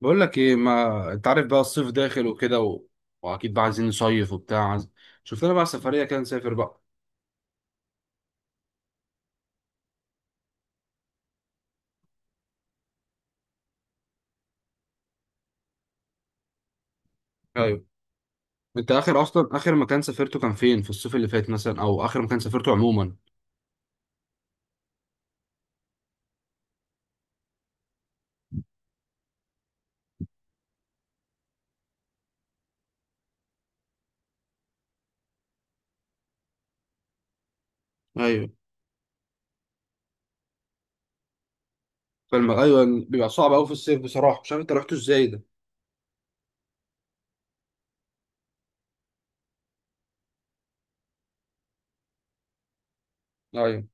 بقول لك ايه، ما انت عارف، بقى الصيف داخل وكده واكيد بقى عايزين نصيف وبتاع، شفت لنا بقى سفريه كده نسافر بقى. ايوه. انت اخر، اصلا اخر مكان سافرته كان فين في الصيف اللي فات مثلا، او اخر مكان سافرته عموما؟ ايوه. ايوه، بيبقى صعب قوي في الصيف بصراحه، مش عارف انت رحت ازاي ده. ايوه.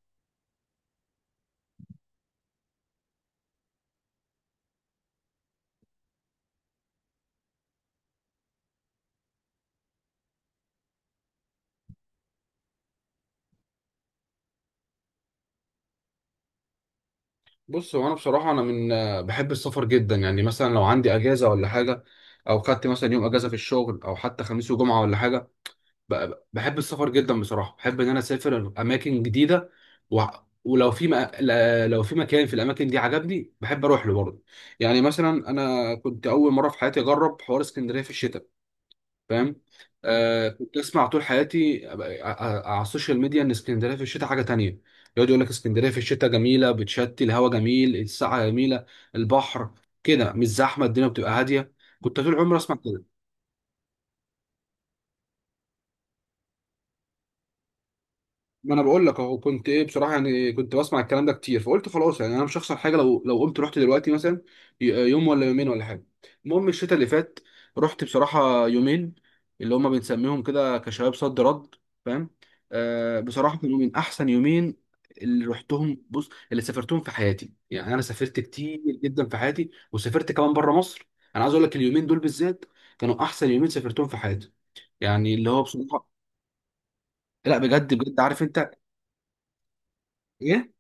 بص، هو انا بصراحه، انا من آه، بحب السفر جدا، يعني مثلا لو عندي اجازه ولا حاجه، او خدت مثلا يوم اجازه في الشغل او حتى خميس وجمعه ولا حاجه، بحب السفر جدا بصراحه، بحب ان انا اسافر اماكن جديده و... ولو في م... لو في مكان في الاماكن دي عجبني بحب اروح له برضه. يعني مثلا انا كنت اول مره في حياتي اجرب حوار اسكندريه في الشتاء، فاهم؟ كنت اسمع طول حياتي على السوشيال ميديا ان اسكندريه في الشتاء حاجه تانية، يقعد يقول لك اسكندريه في الشتاء جميله، بتشتي، الهواء جميل، الساعه جميله، البحر كده، مش زحمه، الدنيا بتبقى هاديه. كنت طول عمري اسمع كده. ما انا بقول لك اهو، كنت ايه بصراحه، يعني كنت بسمع الكلام ده كتير فقلت خلاص، يعني انا مش هخسر حاجه لو قمت رحت دلوقتي مثلا، يوم ولا يومين ولا حاجه. المهم الشتاء اللي فات رحت بصراحه يومين، اللي هما بنسميهم كده كشباب صد رد، فاهم؟ بصراحه كانوا من احسن يومين اللي رحتهم بص اللي سافرتهم في حياتي، يعني انا سافرت كتير جدا في حياتي وسافرت كمان بره مصر. انا عايز اقول لك اليومين دول بالذات كانوا احسن يومين سافرتهم في حياتي، يعني اللي هو بصراحه، لا بجد بجد، عارف انت ايه؟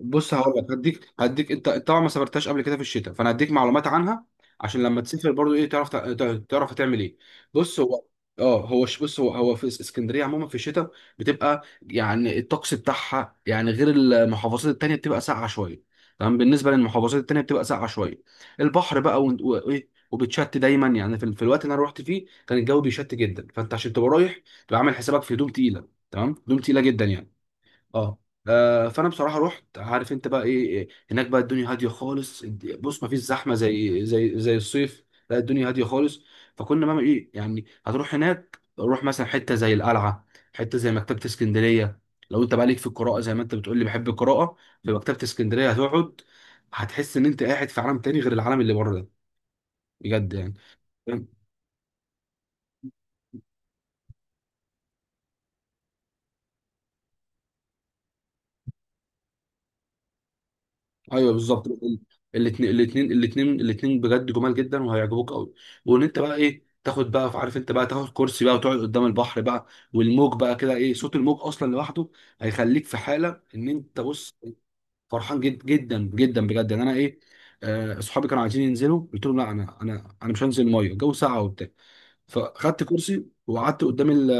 بص، هقول لك. هديك انت طبعا ما سافرتهاش قبل كده في الشتاء، فانا هديك معلومات عنها عشان لما تسافر برضو ايه تعرف، تعرف هتعمل ايه. بص هو بص، هو هو في اسكندريه عموما في الشتاء بتبقى، يعني الطقس بتاعها، يعني غير المحافظات التانيه، بتبقى ساقعه شويه، تمام. بالنسبه للمحافظات التانيه بتبقى ساقعه شويه. البحر بقى وايه، وبتشت دايما، يعني في الوقت اللي انا رحت فيه كان الجو بيشت جدا، فانت عشان تبقى رايح تبقى عامل حسابك في هدوم تقيله، تمام، هدوم تقيله جدا يعني. اه. فانا بصراحه رحت، عارف انت بقى ايه؟ هناك بقى الدنيا هاديه خالص، بص، ما فيش زحمه زي زي الصيف. لا، الدنيا هاديه خالص. فكنا بقى ايه، يعني هتروح هناك، روح مثلا حته زي القلعه، حته زي مكتبه اسكندريه. لو انت بقى ليك في القراءه، زي ما انت بتقول لي بحب القراءه، في مكتبه اسكندريه هتقعد، هتحس ان انت قاعد في عالم تاني غير العالم اللي بره ده، بجد يعني. ايوه بالظبط، الاثنين الاثنين الاثنين الاثنين بجد جمال جدا وهيعجبوك قوي. وان انت بقى ايه، تاخد بقى، عارف انت بقى، تاخد كرسي بقى وتقعد قدام البحر بقى، والموج بقى كده ايه، صوت الموج اصلا لوحده هيخليك في حاله ان انت، بص، فرحان جدا جدا بجد، يعني انا ايه. اصحابي كانوا عايزين ينزلوا، قلت لهم لا، انا انا مش هنزل الميه، الجو ساقع وبتاع، فخدت كرسي وقعدت قدام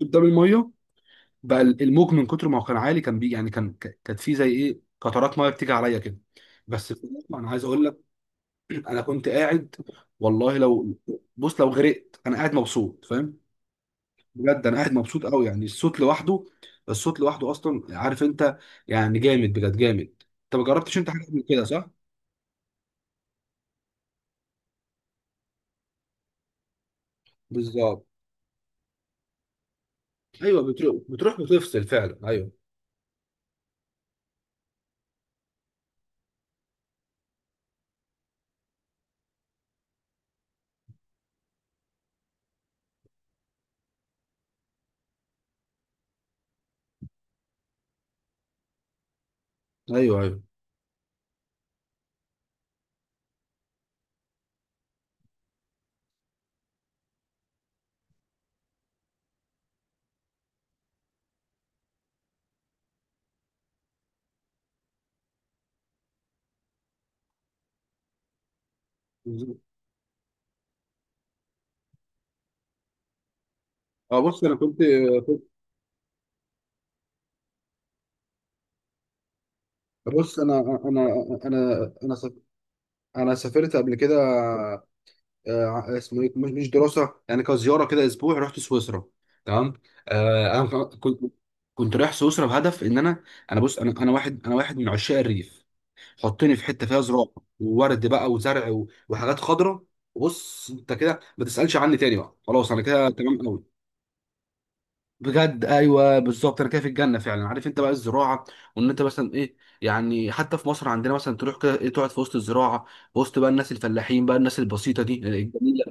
قدام الميه. بقى الموج من كتر ما هو كان عالي، كان بي يعني، كانت في زي ايه قطرات ميه بتيجي عليا كده. بس في الأول انا عايز اقول لك، انا كنت قاعد، والله لو غرقت انا قاعد مبسوط، فاهم؟ بجد انا قاعد مبسوط قوي، يعني الصوت لوحده، الصوت لوحده اصلا، عارف انت، يعني جامد بجد، جامد، انت ما جربتش انت حاجه من كده، صح؟ بالظبط، ايوه، بتروح بتروح بتفصل فعلا، ايوه، ايوه، ايوه، بالظبط. اه، بص انا كنت، كنت- بص انا انا انا سافرت انا سافرت قبل كده، اسمه ايه، مش دراسه، يعني كزياره كده، اسبوع رحت سويسرا، تمام. انا كنت رايح سويسرا بهدف ان انا، انا بص انا انا واحد انا واحد من عشاق الريف. حطني في حته فيها زراعه، وورد بقى، وزرع وحاجات خضراء، بص انت كده ما تسالش عني تاني بقى، خلاص انا كده تمام قوي، بجد ايوه بالظبط، انا كده في الجنه فعلا، عارف انت بقى الزراعه، وان انت مثلا ايه، يعني حتى في مصر عندنا مثلا، تروح كده ايه، تقعد في وسط الزراعه، وسط بقى الناس الفلاحين بقى، الناس البسيطه دي الجميله.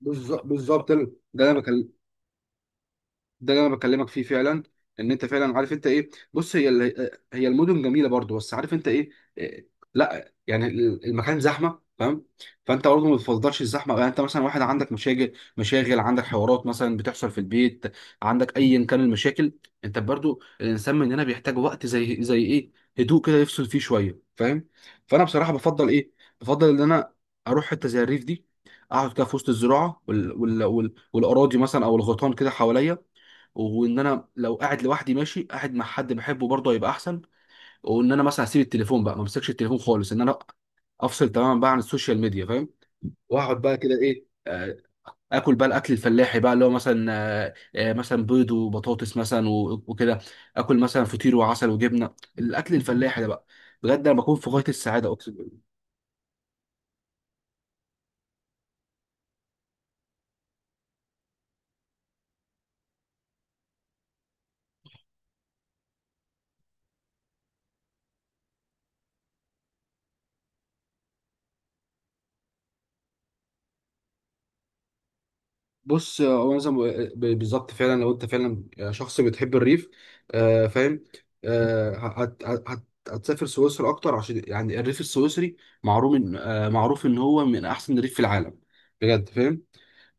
بالظبط، ده اللي انا بكلم- ده اللي انا بكلمك فيه فعلا، ان انت فعلا، عارف انت ايه، بص هي المدن جميله برضو، بس عارف انت ايه؟ إيه، لا يعني المكان زحمه، فاهم؟ فانت برضه ما بتفضلش الزحمه، يعني انت مثلا واحد عندك مشاغل، مشاغل، عندك حوارات مثلا بتحصل في البيت، عندك ايا كان المشاكل، انت برضه الانسان مننا بيحتاج وقت زي ايه، هدوء كده يفصل فيه شويه، فاهم؟ فانا بصراحه بفضل ايه، بفضل ان انا اروح حته زي الريف دي، اقعد كده في وسط الزراعه والاراضي مثلا، او الغيطان كده حواليا، وان انا لو قاعد لوحدي ماشي، قاعد مع حد بحبه برضه هيبقى احسن. وان انا مثلا هسيب التليفون بقى، ما امسكش التليفون خالص، ان انا افصل تماما بقى عن السوشيال ميديا، فاهم؟ واقعد بقى كده ايه، اكل بقى، الاكل الفلاحي بقى اللي هو مثلا، مثلا بيض وبطاطس مثلا وكده، اكل مثلا فطير وعسل وجبنه، الاكل الفلاحي ده بقى بجد انا بكون في غايه السعاده. بص هو أنا زي ما بالظبط فعلا، لو انت فعلا شخص بتحب الريف، فاهم، آه هتسافر سويسرا اكتر، عشان يعني الريف السويسري معروف ان، معروف ان هو من احسن الريف في العالم بجد، فاهم؟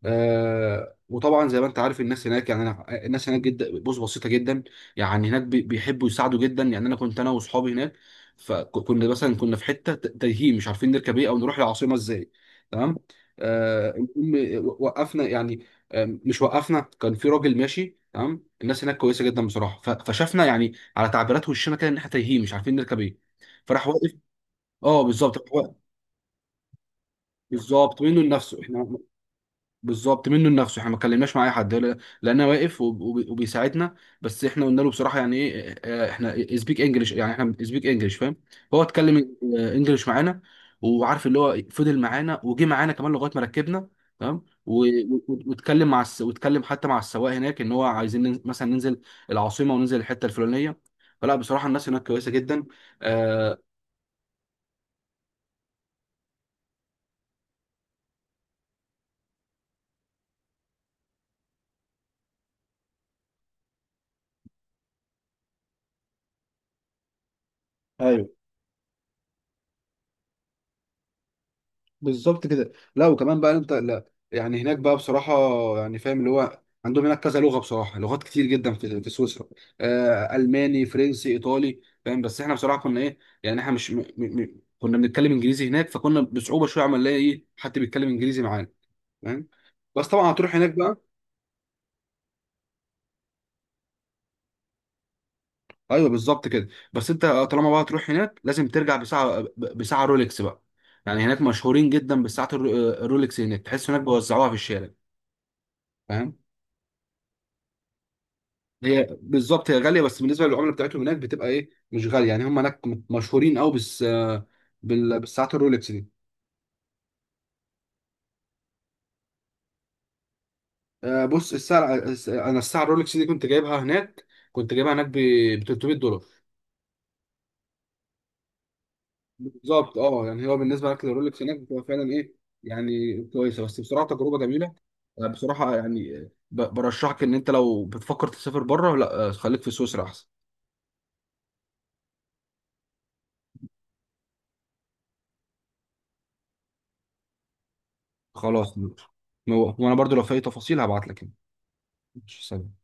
وطبعا زي ما انت عارف، الناس هناك يعني، انا آه، الناس هناك جدا، بص، بسيطه جدا، يعني هناك بيحبوا يساعدوا جدا. يعني انا واصحابي هناك، فكنا مثلا كنا في حته تايهين، مش عارفين نركب ايه او نروح العاصمه ازاي، تمام. آه المهم وقفنا، يعني مش وقفنا، كان في راجل ماشي، تمام، الناس هناك كويسه جدا بصراحه، فشافنا يعني على تعبيرات وشنا كده ان احنا تايهين مش عارفين نركب ايه، فراح واقف. اه بالظبط، راح واقف. بالظبط منه لنفسه احنا بالظبط منه لنفسه، احنا ما اتكلمناش مع اي حد، لان واقف وبيساعدنا. بس احنا قلنا له بصراحه يعني ايه، احنا سبيك انجلش، يعني احنا سبيك انجلش، فاهم؟ هو اتكلم انجلش معانا، وعارف اللي هو فضل معانا وجي معانا كمان لغايه ما ركبنا، تمام، واتكلم حتى مع السواق هناك ان هو عايزين ننزل مثلا، ننزل العاصمه وننزل الحته الفلانيه، فلا بصراحه الناس هناك كويسه جدا. اه، ايوه بالظبط كده. لا، وكمان بقى انت، لا يعني هناك بقى بصراحه، يعني فاهم اللي هو عندهم هناك كذا لغه بصراحه، لغات كتير جدا في سويسرا، الماني، فرنسي، ايطالي، فاهم؟ بس احنا بصراحه كنا ايه، يعني احنا مش، كنا بنتكلم انجليزي هناك، فكنا بصعوبه شويه عم نلاقي ايه حد بيتكلم انجليزي معانا، فاهم؟ بس طبعا هتروح هناك بقى. ايوه بالظبط كده. بس انت طالما بقى هتروح هناك لازم ترجع بساعه، بساعه رولكس بقى، يعني هناك مشهورين جدا بساعه الرولكس، هناك تحس هناك بيوزعوها في الشارع، فاهم. هي بالظبط، هي غاليه، بس بالنسبه للعمله بتاعتهم هناك بتبقى ايه، مش غاليه يعني، هم هناك مشهورين قوي بس، بالساعات الرولكس دي. بص الساعه انا الساعه الرولكس دي كنت جايبها هناك، كنت جايبها هناك ب 300 دولار. بالظبط اه، يعني هو بالنسبه للرولكس هناك بتبقى فعلا ايه، يعني كويسه، بس بصراحه تجربه جميله، بصراحه يعني، برشحك ان انت لو بتفكر تسافر بره، لا خليك في سويسرا احسن. خلاص، وانا برضو لو في اي تفاصيل هبعت لك يعني. ماشي، سلام.